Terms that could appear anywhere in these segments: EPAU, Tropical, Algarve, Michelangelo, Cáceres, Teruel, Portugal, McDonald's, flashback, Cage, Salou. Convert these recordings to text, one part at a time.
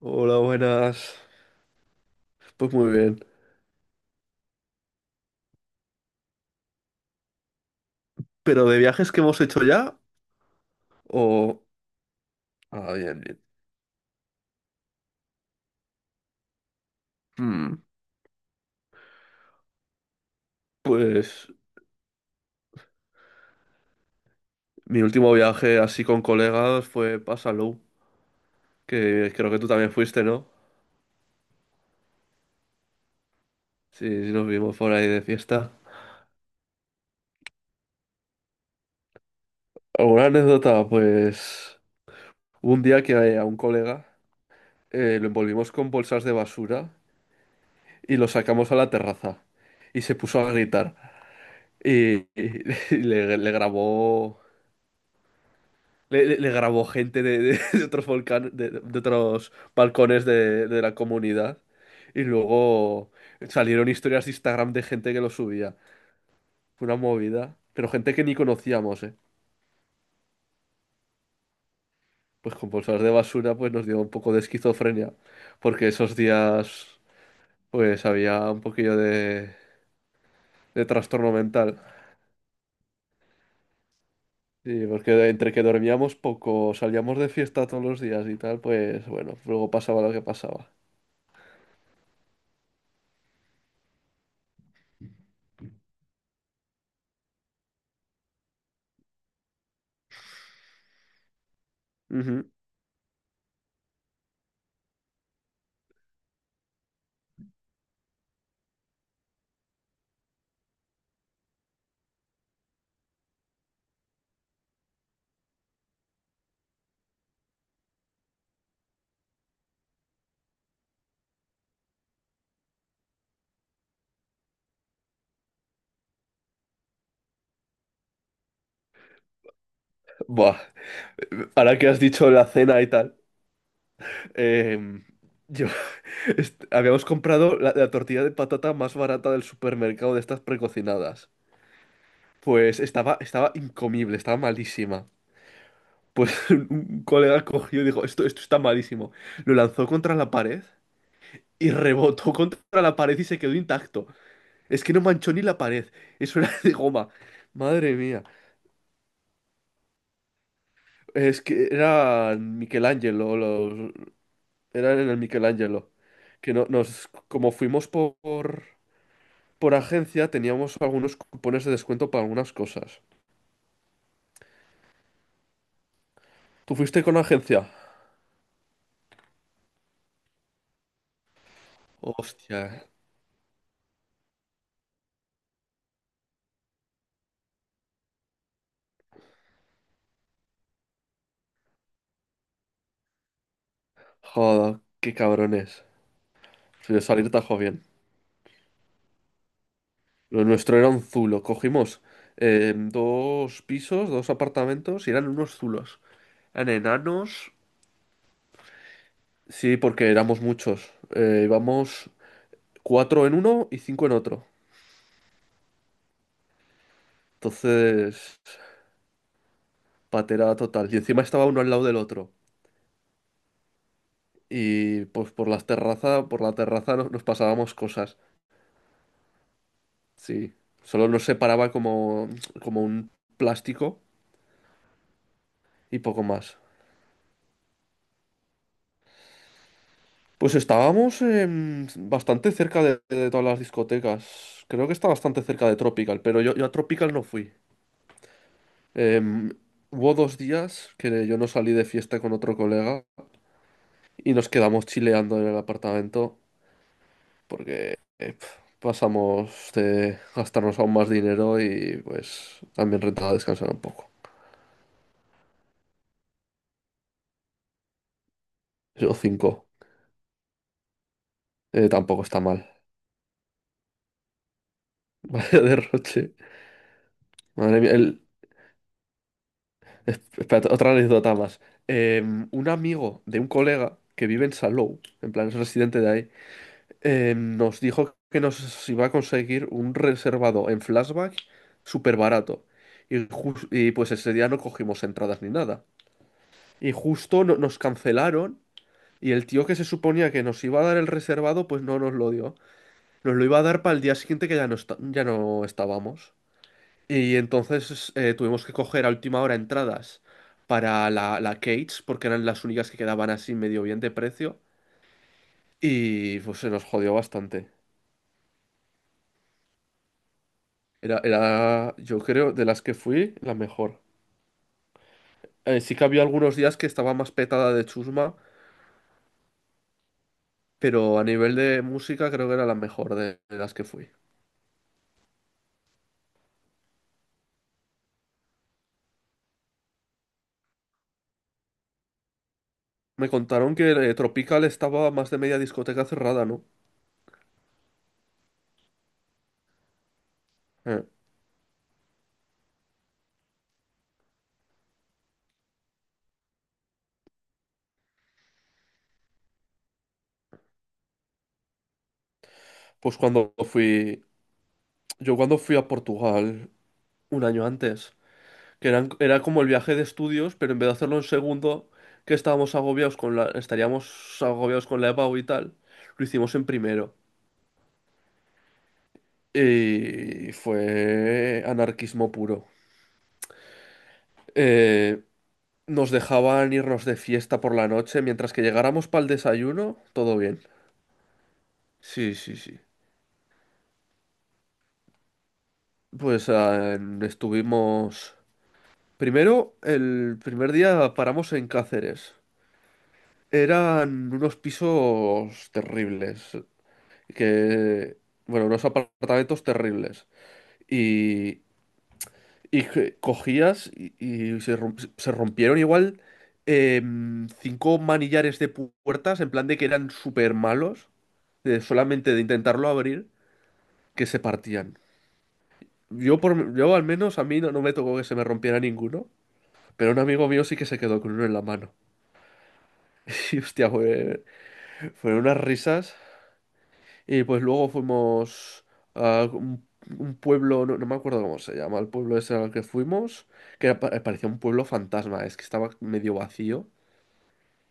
Hola, buenas. Pues muy bien. ¿Pero de viajes que hemos hecho ya? O... Ah, bien, bien. Hmm, pues mi último viaje así con colegas fue para Salou, que creo que tú también fuiste, ¿no? Sí, sí, nos vimos por ahí de fiesta. ¿Alguna anécdota? Pues hubo un día que a un colega lo envolvimos con bolsas de basura y lo sacamos a la terraza y se puso a gritar. Y le grabó. Le grabó gente de de otros volcanes, de otros balcones de la comunidad. Y luego salieron historias de Instagram de gente que lo subía. Fue una movida. Pero gente que ni conocíamos, ¿eh? Pues con bolsas de basura, pues nos dio un poco de esquizofrenia. Porque esos días, pues había un poquillo de trastorno mental. Sí, porque entre que dormíamos poco, salíamos de fiesta todos los días y tal, pues bueno, luego pasaba lo que pasaba. Ujú. Buah. Ahora que has dicho la cena y tal, eh, yo habíamos comprado la tortilla de patata más barata del supermercado de estas precocinadas. Pues estaba incomible, estaba malísima. Pues un colega cogió y dijo, esto está malísimo. Lo lanzó contra la pared y rebotó contra la pared y se quedó intacto. Es que no manchó ni la pared, eso era de goma. Madre mía, es que era Michelangelo, los, era en el Michelangelo. Que no, nos, como fuimos por agencia, teníamos algunos cupones de descuento para algunas cosas. ¿Tú fuiste con agencia? Hostia, joder, qué cabrones. Si de salir tajo bien. Lo nuestro era un zulo. Cogimos dos pisos, dos apartamentos y eran unos zulos. Eran enanos. Sí, porque éramos muchos. Íbamos cuatro en uno y cinco en otro. Entonces, patera total. Y encima estaba uno al lado del otro. Y pues por las terrazas, por la terraza nos pasábamos cosas. Sí. Solo nos separaba como, como un plástico y poco más. Pues estábamos bastante cerca de todas las discotecas. Creo que está bastante cerca de Tropical, pero yo a Tropical no fui. Em, Hubo dos días que yo no salí de fiesta con otro colega y nos quedamos chileando en el apartamento porque eh, pf, pasamos de gastarnos aún más dinero y pues también rentaba descansar un poco. Yo cinco. Tampoco está mal. Vaya derroche. Madre mía. Espérate, otra anécdota más. Eh, un amigo de un colega que vive en Salou, en plan es residente de ahí, nos dijo que nos iba a conseguir un reservado en flashback súper barato. Y, y pues ese día no cogimos entradas ni nada. Y justo nos cancelaron y el tío que se suponía que nos iba a dar el reservado, pues no nos lo dio. Nos lo iba a dar para el día siguiente que ya no, ya no estábamos. Y entonces tuvimos que coger a última hora entradas para la Cage, porque eran las únicas que quedaban así medio bien de precio. Y pues se nos jodió bastante. Yo creo, de las que fui, la mejor. Sí que había algunos días que estaba más petada de chusma, pero a nivel de música creo que era la mejor de las que fui. Me contaron que Tropical estaba más de media discoteca cerrada, ¿no? Eh, pues cuando fui, yo cuando fui a Portugal un año antes, era como el viaje de estudios, pero en vez de hacerlo en segundo, que estábamos agobiados con la, estaríamos agobiados con la EPAU y tal, lo hicimos en primero. Y fue anarquismo puro. Eh, Nos dejaban irnos de fiesta por la noche, mientras que llegáramos para el desayuno, todo bien. Sí, sí, sí. Pues estuvimos... Primero, el primer día paramos en Cáceres. Eran unos pisos terribles. Que, bueno, unos apartamentos terribles. Y, y que cogías y se, se rompieron igual cinco manillares de puertas, en plan de que eran súper malos, de solamente de intentarlo abrir, que se partían. Yo, por, yo al menos a mí no, no me tocó que se me rompiera ninguno, pero un amigo mío sí que se quedó con uno en la mano. Y hostia, fueron unas risas. Y pues luego fuimos a un pueblo, no, no me acuerdo cómo se llama, el pueblo ese al que fuimos, que era parecía un pueblo fantasma, es que estaba medio vacío.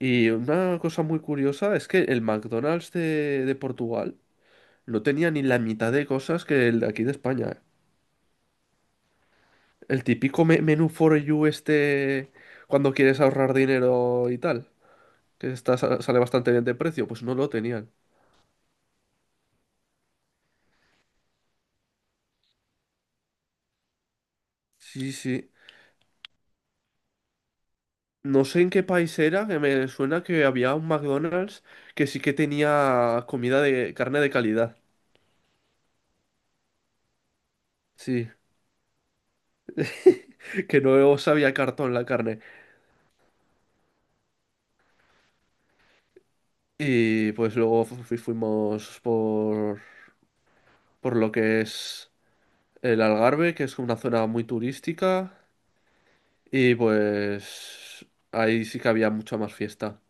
Y una cosa muy curiosa es que el McDonald's de Portugal no tenía ni la mitad de cosas que el de aquí de España. ¿Eh? El típico menú for you este cuando quieres ahorrar dinero y tal, que está, sale bastante bien de precio, pues no lo tenían. Sí, sí. No sé en qué país era, que me suena que había un McDonald's que sí que tenía comida de carne de calidad. Sí, que no sabía cartón la carne. Y pues luego fuimos por lo que es el Algarve, que es una zona muy turística. Y pues ahí sí que había mucha más fiesta.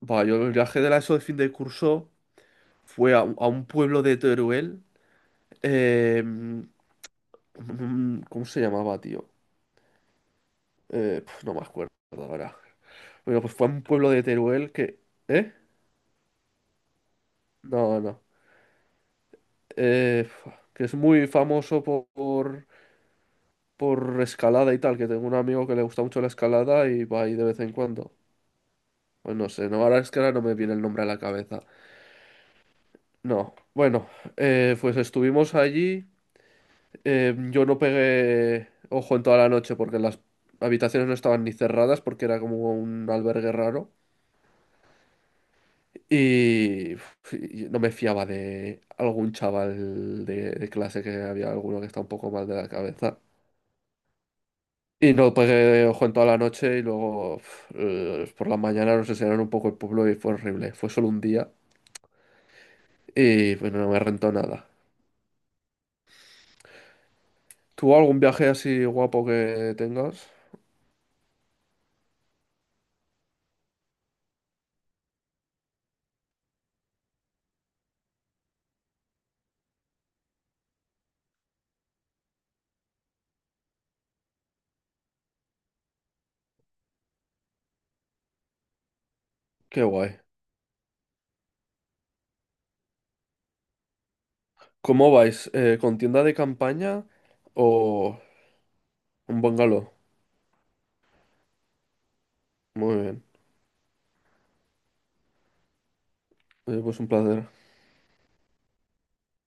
Buah, yo el viaje de la ESO de fin de curso fue a, un pueblo de Teruel. eh, mm, ¿Cómo se llamaba, tío? No me acuerdo ahora. Bueno, pues fue a un pueblo de Teruel que... ¿Eh? No, no. Que es muy famoso por escalada y tal, que tengo un amigo que le gusta mucho la escalada y va ahí de vez en cuando. Pues no sé, no, ahora es que ahora no me viene el nombre a la cabeza. No, bueno, pues estuvimos allí. Yo no pegué ojo en toda la noche porque las habitaciones no estaban ni cerradas porque era como un albergue raro. Y uf, y no me fiaba de algún chaval de clase que había alguno que está un poco mal de la cabeza. Y no pegué ojo en toda la noche y luego uf, por la mañana nos enseñaron un poco el pueblo y fue horrible. Fue solo un día y bueno, no me rentó nada. ¿Tú algún viaje así guapo que tengas? Qué guay. ¿Cómo vais? ¿Con tienda de campaña o un bungalow? Muy bien. Pues un placer.